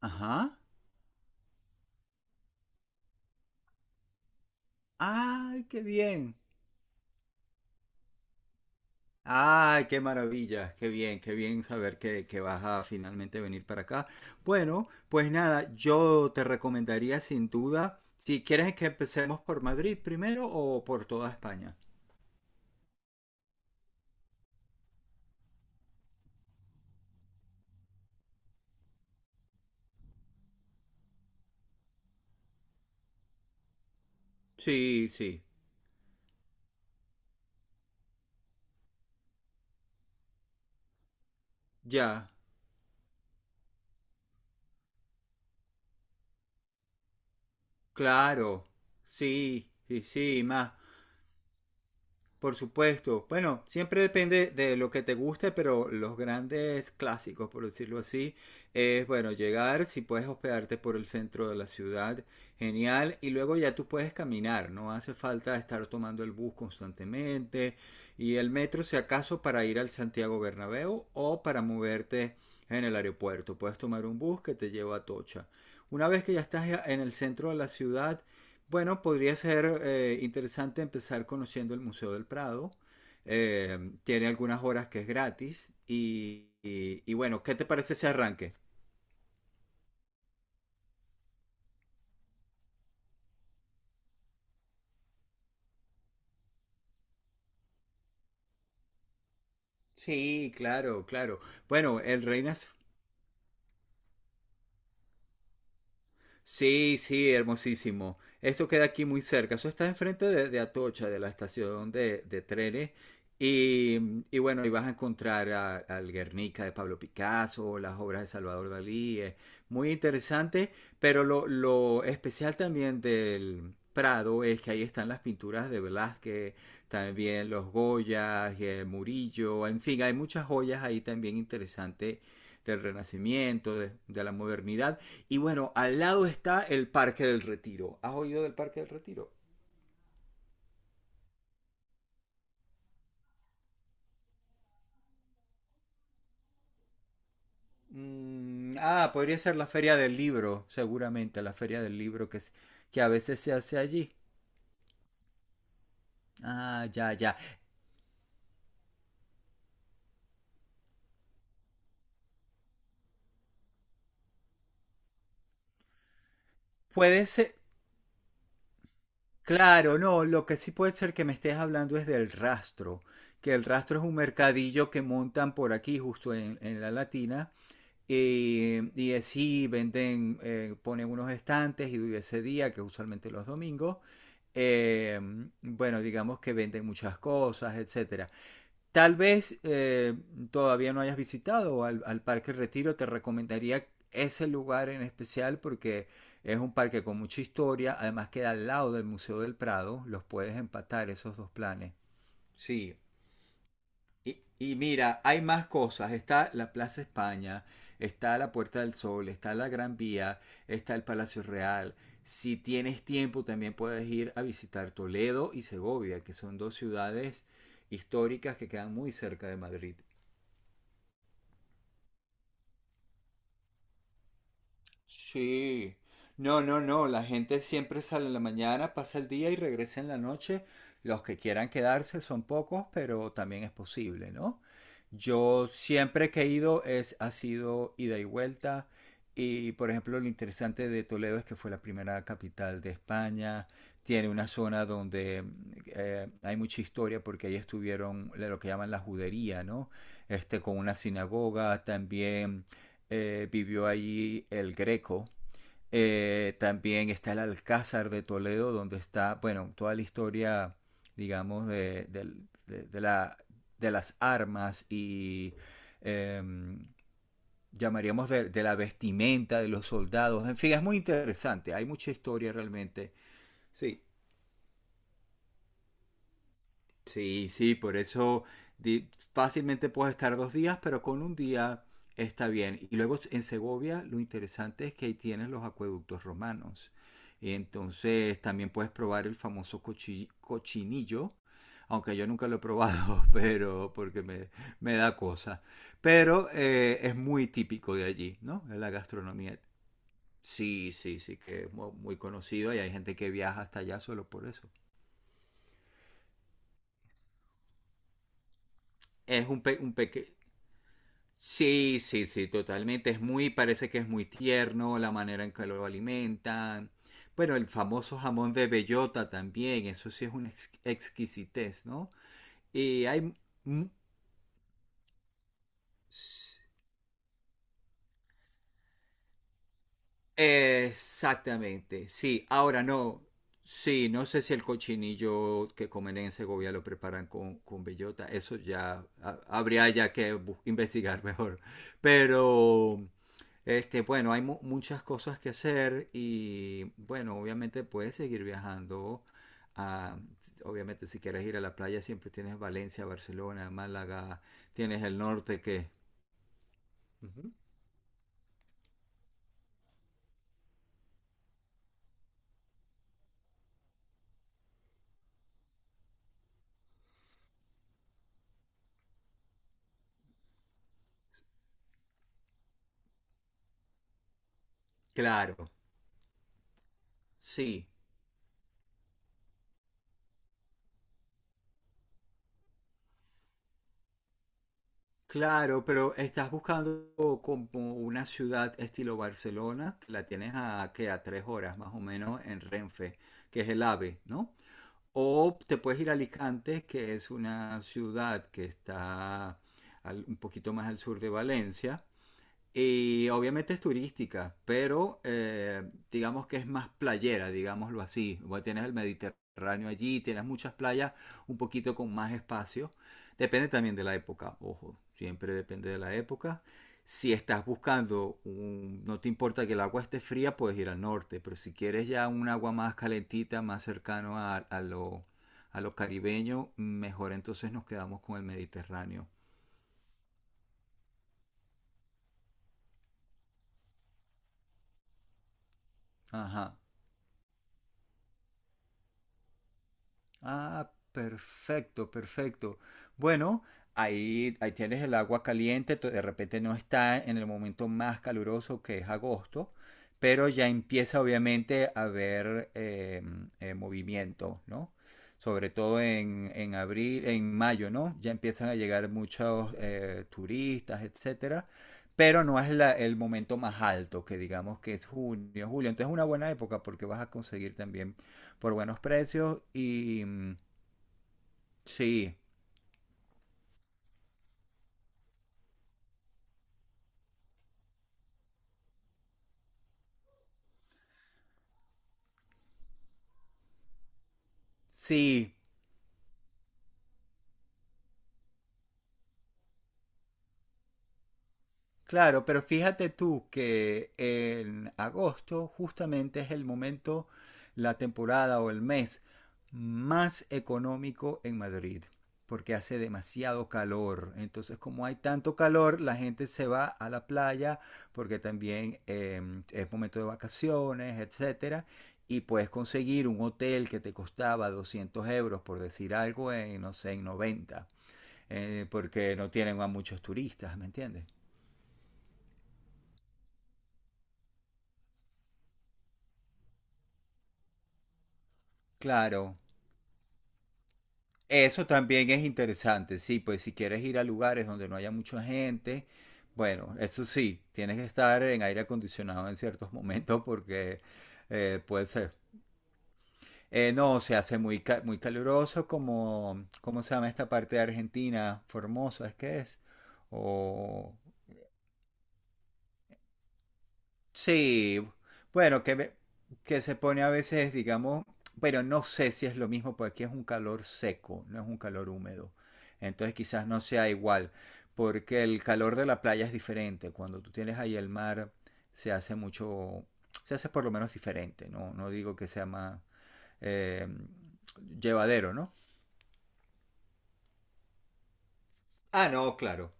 Ajá. ¡Ay, qué bien! ¡Ay, qué maravilla! Qué bien saber que vas a finalmente venir para acá! Bueno, pues nada, yo te recomendaría sin duda, si quieres que empecemos por Madrid primero o por toda España. Sí, sí, ya, claro, sí, sí, sí, más. Por supuesto. Bueno, siempre depende de lo que te guste, pero los grandes clásicos, por decirlo así, es bueno, llegar, si puedes hospedarte por el centro de la ciudad, genial, y luego ya tú puedes caminar, no hace falta estar tomando el bus constantemente y el metro si acaso para ir al Santiago Bernabéu o para moverte en el aeropuerto. Puedes tomar un bus que te lleva a Tocha. Una vez que ya estás en el centro de la ciudad, bueno, podría ser interesante empezar conociendo el Museo del Prado. Tiene algunas horas que es gratis. Y bueno, ¿qué te parece ese arranque? Sí, claro, claro. Bueno, el Reinas Sí, sí, hermosísimo. Esto queda aquí muy cerca. Eso está enfrente de Atocha, de la estación de trenes. Y bueno, ahí vas a encontrar al Guernica de Pablo Picasso, las obras de Salvador Dalí. Es muy interesante, pero lo especial también del Prado es que ahí están las pinturas de Velázquez, también los Goyas, Murillo, en fin, hay muchas joyas ahí también interesantes del Renacimiento, de la modernidad. Y bueno, al lado está el Parque del Retiro. ¿Has oído del Parque del Retiro? Ah, podría ser la Feria del Libro, seguramente, la Feria del Libro que a veces se hace allí. Ah, ya, ya. Puede ser, claro, no, lo que sí puede ser que me estés hablando es del rastro, que el rastro es un mercadillo que montan por aquí, justo en la Latina. Y así venden, ponen unos estantes y ese día, que usualmente los domingos, eh, bueno, digamos que venden muchas cosas, etcétera. Tal vez todavía no hayas visitado al Parque Retiro, te recomendaría ese lugar en especial porque es un parque con mucha historia, además queda al lado del Museo del Prado, los puedes empatar esos dos planes. Sí, y mira, hay más cosas. Está la Plaza España, está la Puerta del Sol, está la Gran Vía, está el Palacio Real. Si tienes tiempo, también puedes ir a visitar Toledo y Segovia, que son dos ciudades históricas que quedan muy cerca de Madrid. Sí. No, no, no. La gente siempre sale en la mañana, pasa el día y regresa en la noche. Los que quieran quedarse son pocos, pero también es posible, ¿no? Yo siempre que he ido ha sido ida y vuelta. Y, por ejemplo, lo interesante de Toledo es que fue la primera capital de España. Tiene una zona donde hay mucha historia porque ahí estuvieron lo que llaman la judería, ¿no? Este, con una sinagoga, también vivió allí el Greco. También está el Alcázar de Toledo, donde está, bueno, toda la historia, digamos, de, de la, de las armas y eh, llamaríamos de la vestimenta de los soldados. En fin, es muy interesante, hay mucha historia realmente. Sí. Sí, sí, por eso di- fácilmente puedes estar 2 días, pero con un día está bien. Y luego en Segovia lo interesante es que ahí tienes los acueductos romanos. Y entonces también puedes probar el famoso cochinillo, aunque yo nunca lo he probado, pero porque me da cosa. Pero es muy típico de allí, ¿no? La gastronomía. Sí, sí, sí, que es muy conocido y hay gente que viaja hasta allá solo por eso. Es un, pe- un peque- Sí, sí, sí, totalmente. Parece que es muy tierno la manera en que lo alimentan. Bueno, el famoso jamón de bellota también, eso sí es una exquisitez, ¿no? Y hay... mm, Exactamente, sí. Ahora no, sí, no sé si el cochinillo que comen en Segovia lo preparan con bellota. Eso ya habría ya que investigar mejor. Pero, este, bueno, hay muchas cosas que hacer y, bueno, obviamente puedes seguir viajando. a- Obviamente, si quieres ir a la playa, siempre tienes Valencia, Barcelona, Málaga, tienes el norte que... Ujú. Claro, sí. Claro, pero estás buscando como una ciudad estilo Barcelona, que la tienes a, ¿qué?, a 3 horas más o menos en Renfe, que es el AVE, ¿no? O te puedes ir a Alicante, que es una ciudad que está un poquito más al sur de Valencia, y obviamente es turística, pero digamos que es más playera, digámoslo así. Bueno, tienes el Mediterráneo allí, tienes muchas playas un poquito con más espacio. Depende también de la época, ojo, siempre depende de la época. Si estás buscando, no te importa que el agua esté fría, puedes ir al norte, pero si quieres ya un agua más calentita, más cercano a lo caribeño, mejor entonces nos quedamos con el Mediterráneo. Ajá. Ah, perfecto, perfecto. Bueno, ahí tienes el agua caliente, de repente no está en el momento más caluroso que es agosto, pero ya empieza obviamente a haber movimiento, ¿no? Sobre todo en abril, en mayo, ¿no? Ya empiezan a llegar muchos turistas, etcétera, pero no es el momento más alto, que digamos que es junio, julio. Entonces es una buena época porque vas a conseguir también por buenos precios y sí, sí, claro, pero fíjate tú que en agosto justamente es el momento, la temporada o el mes más económico en Madrid, porque hace demasiado calor. Entonces, como hay tanto calor, la gente se va a la playa porque también es momento de vacaciones, etcétera. Y puedes conseguir un hotel que te costaba 200 euros, por decir algo, en, no sé, en 90, porque no tienen a muchos turistas, ¿me entiendes? Claro. Eso también es interesante, sí, pues si quieres ir a lugares donde no haya mucha gente, bueno, eso sí, tienes que estar en aire acondicionado en ciertos momentos porque puede ser. No, se hace muy caluroso como, ¿cómo se llama esta parte de Argentina? Formosa, ¿es que es? O, Sí, bueno, que se pone a veces, digamos, pero no sé si es lo mismo, porque aquí es un calor seco, no es un calor húmedo. Entonces quizás no sea igual, porque el calor de la playa es diferente. Cuando tú tienes ahí el mar, se hace mucho, se hace por lo menos diferente, ¿no? No digo que sea más eh, llevadero, ¿no? Ah, no, claro,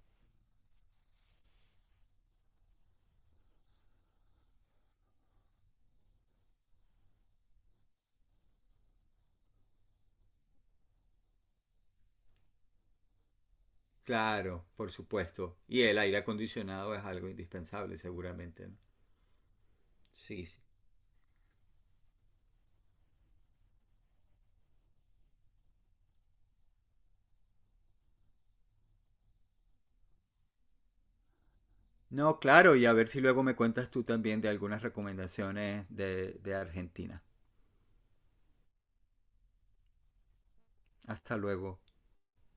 claro, por supuesto. Y el aire acondicionado es algo indispensable, seguramente, ¿no? Sí, no, claro, y a ver si luego me cuentas tú también de algunas recomendaciones de Argentina. Hasta luego.